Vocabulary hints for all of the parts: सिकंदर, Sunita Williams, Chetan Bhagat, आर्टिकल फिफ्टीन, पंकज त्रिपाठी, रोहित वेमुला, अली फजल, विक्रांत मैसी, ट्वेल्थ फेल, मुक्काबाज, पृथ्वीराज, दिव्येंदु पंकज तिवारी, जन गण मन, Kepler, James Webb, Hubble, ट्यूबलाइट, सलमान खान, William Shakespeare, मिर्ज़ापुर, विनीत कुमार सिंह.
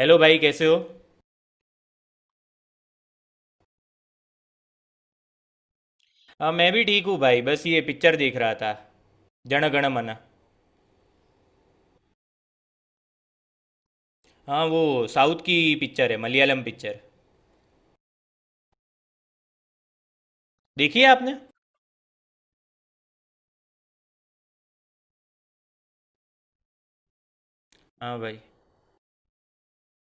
Hello भाई, कैसे हो। हाँ, मैं भी ठीक हूँ भाई, बस ये पिक्चर देख रहा था, जन गण मन। हाँ वो साउथ की पिक्चर है, मलयालम पिक्चर। देखी है आपने। हाँ भाई।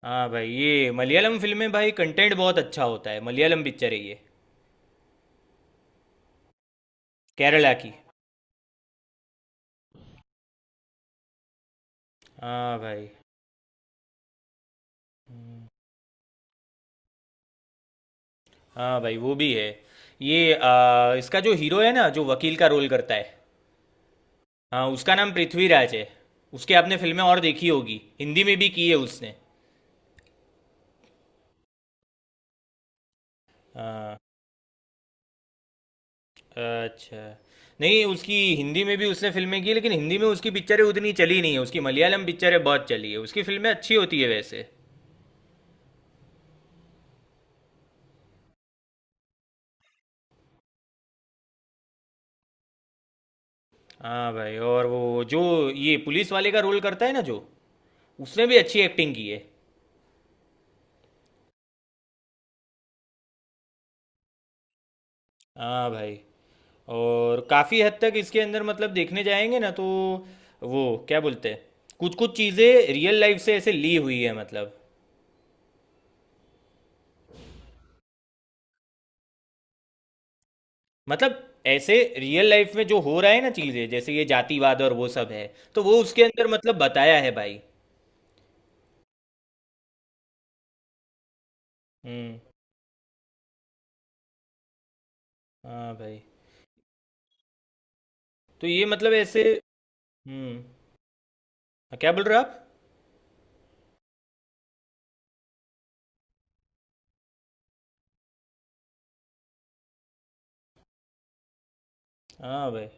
हाँ भाई, ये मलयालम फिल्म में भाई कंटेंट बहुत अच्छा होता है। मलयालम पिक्चर है ये, केरला की। हाँ भाई। हाँ भाई वो भी है। ये इसका जो हीरो है ना, जो वकील का रोल करता है, हाँ उसका नाम पृथ्वीराज है। उसके आपने फिल्में और देखी होगी, हिंदी में भी की है उसने। हाँ। अच्छा। नहीं, उसकी हिंदी में भी उसने फिल्में की लेकिन हिंदी में उसकी पिक्चरें उतनी चली नहीं है, उसकी मलयालम पिक्चरें बहुत चली है। उसकी फिल्में अच्छी होती है वैसे। हाँ भाई। और वो जो ये पुलिस वाले का रोल करता है ना जो, उसने भी अच्छी एक्टिंग की है। हाँ भाई। और काफ़ी हद तक इसके अंदर मतलब, देखने जाएंगे ना तो वो क्या बोलते हैं, कुछ कुछ चीज़ें रियल लाइफ से ऐसे ली हुई है मतलब। मतलब ऐसे रियल लाइफ में जो हो रहा है ना, चीज़ें जैसे ये जातिवाद और वो सब है, तो वो उसके अंदर मतलब बताया है भाई। हम्म। हाँ भाई। तो ये मतलब ऐसे। हम्म। हाँ, क्या बोल रहे हो आप। हाँ भाई।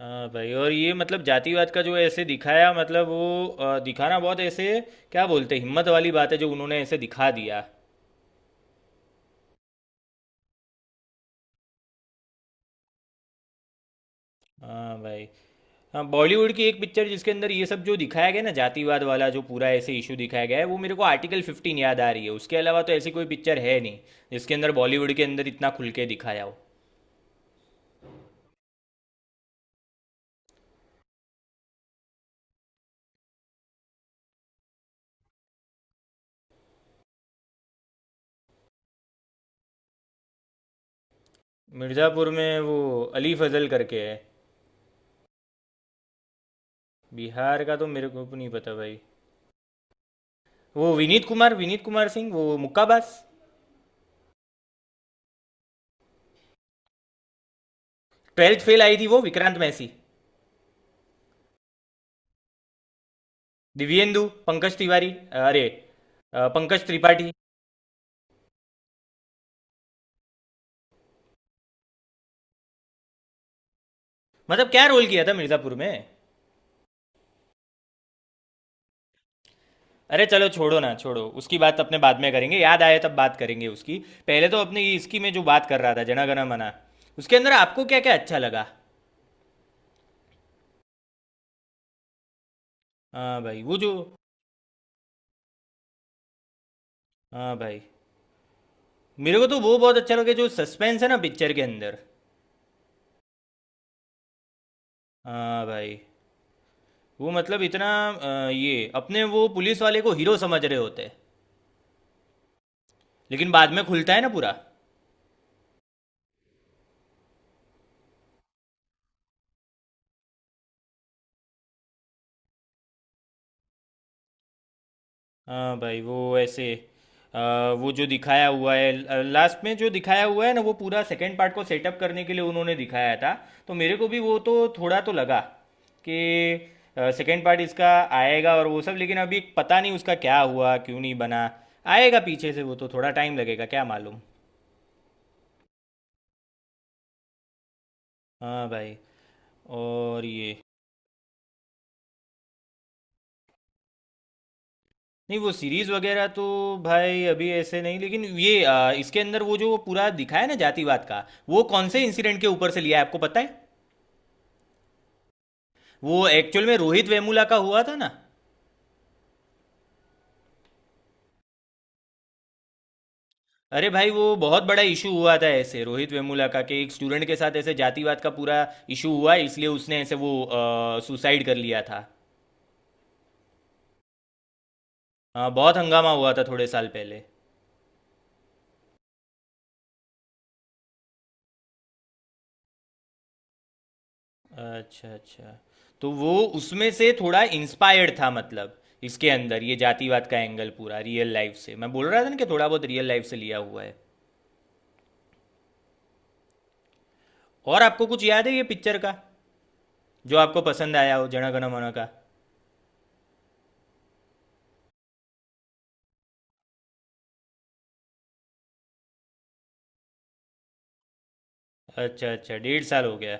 हाँ भाई, और ये मतलब जातिवाद का जो ऐसे दिखाया, मतलब वो दिखाना बहुत ऐसे, क्या बोलते हैं, हिम्मत वाली बात है जो उन्होंने ऐसे दिखा दिया। हाँ भाई। हाँ, बॉलीवुड की एक पिक्चर जिसके अंदर ये सब जो दिखाया गया ना, जातिवाद वाला जो पूरा ऐसे इशू दिखाया गया है, वो मेरे को आर्टिकल फिफ्टीन याद आ रही है। उसके अलावा तो ऐसी कोई पिक्चर है नहीं जिसके अंदर, बॉलीवुड के अंदर, इतना खुल के दिखाया हो। मिर्ज़ापुर में वो अली फजल करके है। बिहार का तो मेरे को नहीं पता भाई। वो विनीत कुमार, विनीत कुमार सिंह, वो मुक्काबाज। ट्वेल्थ फेल आई थी वो, विक्रांत मैसी। दिव्येंदु, पंकज तिवारी, अरे, पंकज त्रिपाठी। मतलब क्या रोल किया था मिर्ज़ापुर में। अरे चलो छोड़ो ना, छोड़ो उसकी बात, अपने बाद में करेंगे, याद आए तब बात करेंगे उसकी। पहले तो अपने इसकी में जो बात कर रहा था, जना गना मना, उसके अंदर आपको क्या क्या अच्छा लगा। हाँ भाई वो जो, हाँ भाई, मेरे को तो वो बहुत अच्छा लगा जो सस्पेंस है ना पिक्चर के अंदर। हाँ भाई। वो मतलब इतना ये अपने वो पुलिस वाले को हीरो समझ रहे होते हैं, लेकिन बाद में खुलता है ना पूरा। हाँ भाई। वो ऐसे, अ, वो जो दिखाया हुआ है लास्ट में, जो दिखाया हुआ है ना, वो पूरा सेकंड पार्ट को सेटअप करने के लिए उन्होंने दिखाया था। तो मेरे को भी वो तो थोड़ा तो लगा कि सेकंड पार्ट इसका आएगा और वो सब, लेकिन अभी पता नहीं उसका क्या हुआ, क्यों नहीं बना, आएगा पीछे से वो, तो थोड़ा टाइम लगेगा, क्या मालूम। हाँ भाई। और ये नहीं, वो सीरीज वगैरह तो भाई अभी ऐसे नहीं। लेकिन ये इसके अंदर वो जो पूरा दिखाया ना, जातिवाद का, वो कौन से इंसिडेंट के ऊपर से लिया है आपको पता है। वो एक्चुअल में रोहित वेमुला का हुआ था ना। अरे भाई, वो बहुत बड़ा इशू हुआ था ऐसे, रोहित वेमुला का कि एक स्टूडेंट के साथ ऐसे जातिवाद का पूरा इशू हुआ, इसलिए उसने ऐसे वो सुसाइड कर लिया था। हाँ, बहुत हंगामा हुआ था थोड़े साल पहले। अच्छा अच्छा। तो वो उसमें से थोड़ा इंस्पायर्ड था मतलब, इसके अंदर ये जातिवाद का एंगल पूरा रियल लाइफ से। मैं बोल रहा था ना कि थोड़ा बहुत रियल लाइफ से लिया हुआ है। और आपको कुछ याद है ये पिक्चर का जो आपको पसंद आया हो, जन गण मन का। अच्छा अच्छा, 1.5 साल हो गया।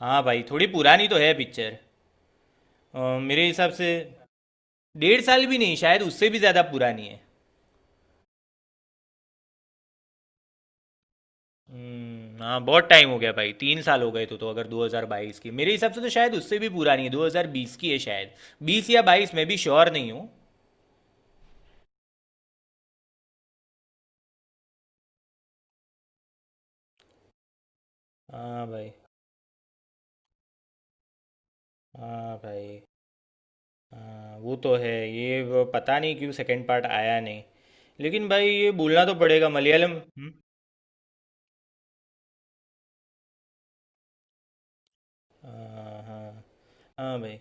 हाँ भाई, थोड़ी पुरानी तो है पिक्चर। मेरे हिसाब से 1.5 साल भी नहीं, शायद उससे भी ज़्यादा पुरानी है। हाँ बहुत टाइम हो गया भाई, 3 साल हो गए तो अगर 2022 की, मेरे हिसाब से तो शायद उससे भी पुरानी है, 2020 की है शायद, 20 या 22, मैं भी श्योर नहीं हूँ। हाँ भाई। हाँ भाई। हाँ वो तो है, ये वो पता नहीं क्यों सेकंड पार्ट आया नहीं। लेकिन भाई ये बोलना तो पड़ेगा, मलयालम। हम्म? हाँ, हाँ। हाँ भाई।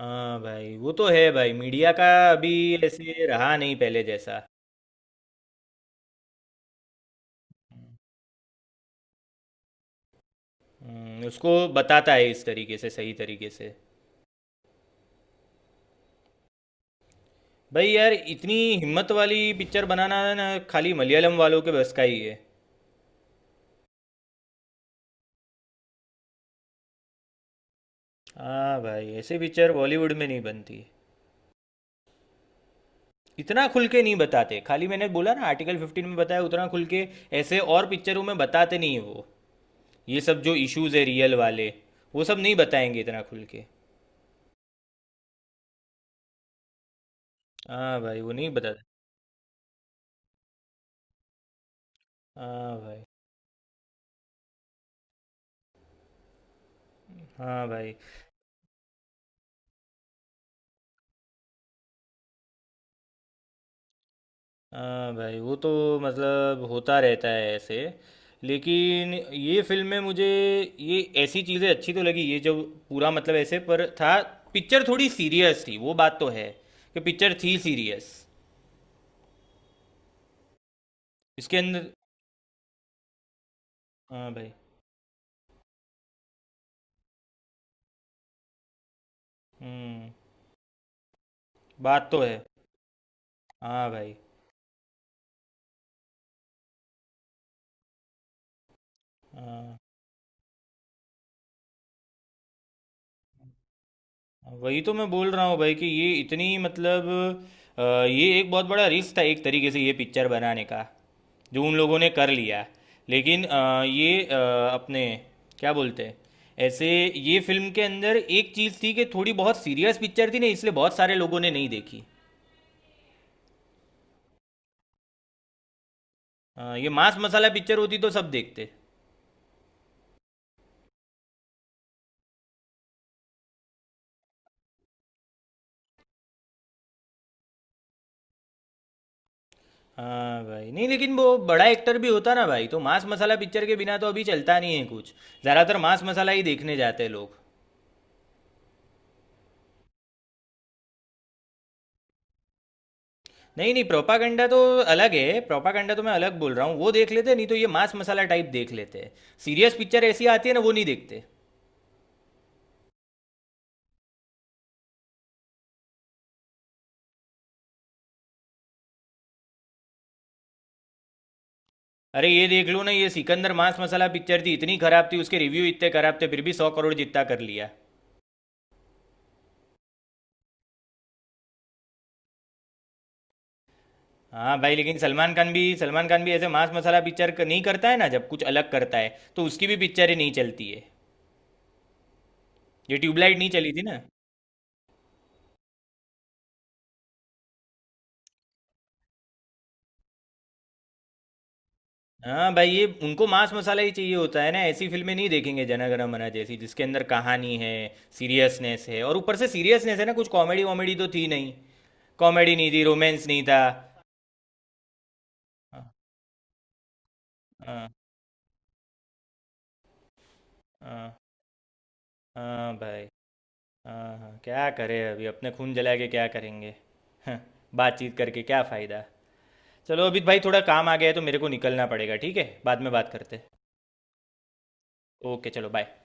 हाँ भाई वो तो है भाई, मीडिया का अभी ऐसे रहा नहीं पहले जैसा। उसको बताता है इस तरीके से, सही तरीके से। भाई यार, इतनी हिम्मत वाली पिक्चर बनाना ना, खाली मलयालम वालों के बस का ही है। हाँ भाई, ऐसे पिक्चर बॉलीवुड में नहीं बनती, इतना खुल के नहीं बताते। खाली मैंने बोला ना आर्टिकल फिफ्टीन में बताया उतना खुल के, ऐसे और पिक्चरों में बताते नहीं है वो। ये सब जो इश्यूज है रियल वाले, वो सब नहीं बताएंगे इतना खुल के। हाँ भाई, वो नहीं बताते। हाँ भाई। हाँ भाई। हाँ भाई वो तो, मतलब होता रहता है ऐसे। लेकिन ये फिल्म में मुझे ये ऐसी चीज़ें अच्छी तो लगी, ये जो पूरा मतलब ऐसे पर था। पिक्चर थोड़ी सीरियस थी, वो बात तो है कि पिक्चर थी सीरियस। इसके अंदर हाँ भाई। हम्म। बात तो है। हाँ भाई। हाँ, वही तो मैं बोल रहा हूँ भाई कि ये इतनी मतलब, ये एक बहुत बड़ा रिस्क था एक तरीके से, ये पिक्चर बनाने का, जो उन लोगों ने कर लिया। लेकिन ये अपने क्या बोलते हैं, ऐसे, ये फिल्म के अंदर एक चीज़ थी कि थोड़ी बहुत सीरियस पिक्चर थी ना, इसलिए बहुत सारे लोगों ने नहीं देखी। ये मांस मसाला पिक्चर होती तो सब देखते। हाँ भाई, नहीं लेकिन वो बड़ा एक्टर भी होता ना भाई, तो मांस मसाला पिक्चर के बिना तो अभी चलता नहीं है कुछ, ज़्यादातर मांस मसाला ही देखने जाते हैं लोग। नहीं नहीं, प्रोपागेंडा तो अलग है, प्रोपागेंडा तो मैं अलग बोल रहा हूँ, वो देख लेते, नहीं तो ये मांस मसाला टाइप देख लेते। सीरियस पिक्चर ऐसी आती है ना, वो नहीं देखते। अरे ये देख लो ना, ये सिकंदर मांस मसाला पिक्चर थी, इतनी खराब थी, उसके रिव्यू इतने खराब थे, फिर भी 100 करोड़ जितना कर लिया। हाँ भाई, लेकिन सलमान खान भी, सलमान खान भी ऐसे मांस मसाला पिक्चर नहीं करता है ना, जब कुछ अलग करता है तो उसकी भी पिक्चरें नहीं चलती है। ये ट्यूबलाइट नहीं चली थी ना। हाँ भाई, ये उनको मांस मसाला ही चाहिए होता है ना, ऐसी फिल्में नहीं देखेंगे, जना गण मना जैसी जिसके अंदर कहानी है, सीरियसनेस है। और ऊपर से सीरियसनेस है ना, कुछ कॉमेडी वॉमेडी तो थी नहीं, कॉमेडी नहीं थी, रोमांस नहीं था। हाँ। हाँ। हाँ। हाँ भाई। हाँ हाँ, क्या करें, अभी अपने खून जला के क्या करेंगे। हाँ, बातचीत करके क्या फ़ायदा। चलो अभी भाई, थोड़ा काम आ गया है तो मेरे को निकलना पड़ेगा, ठीक है, बाद में बात करते हैं। ओके, चलो बाय।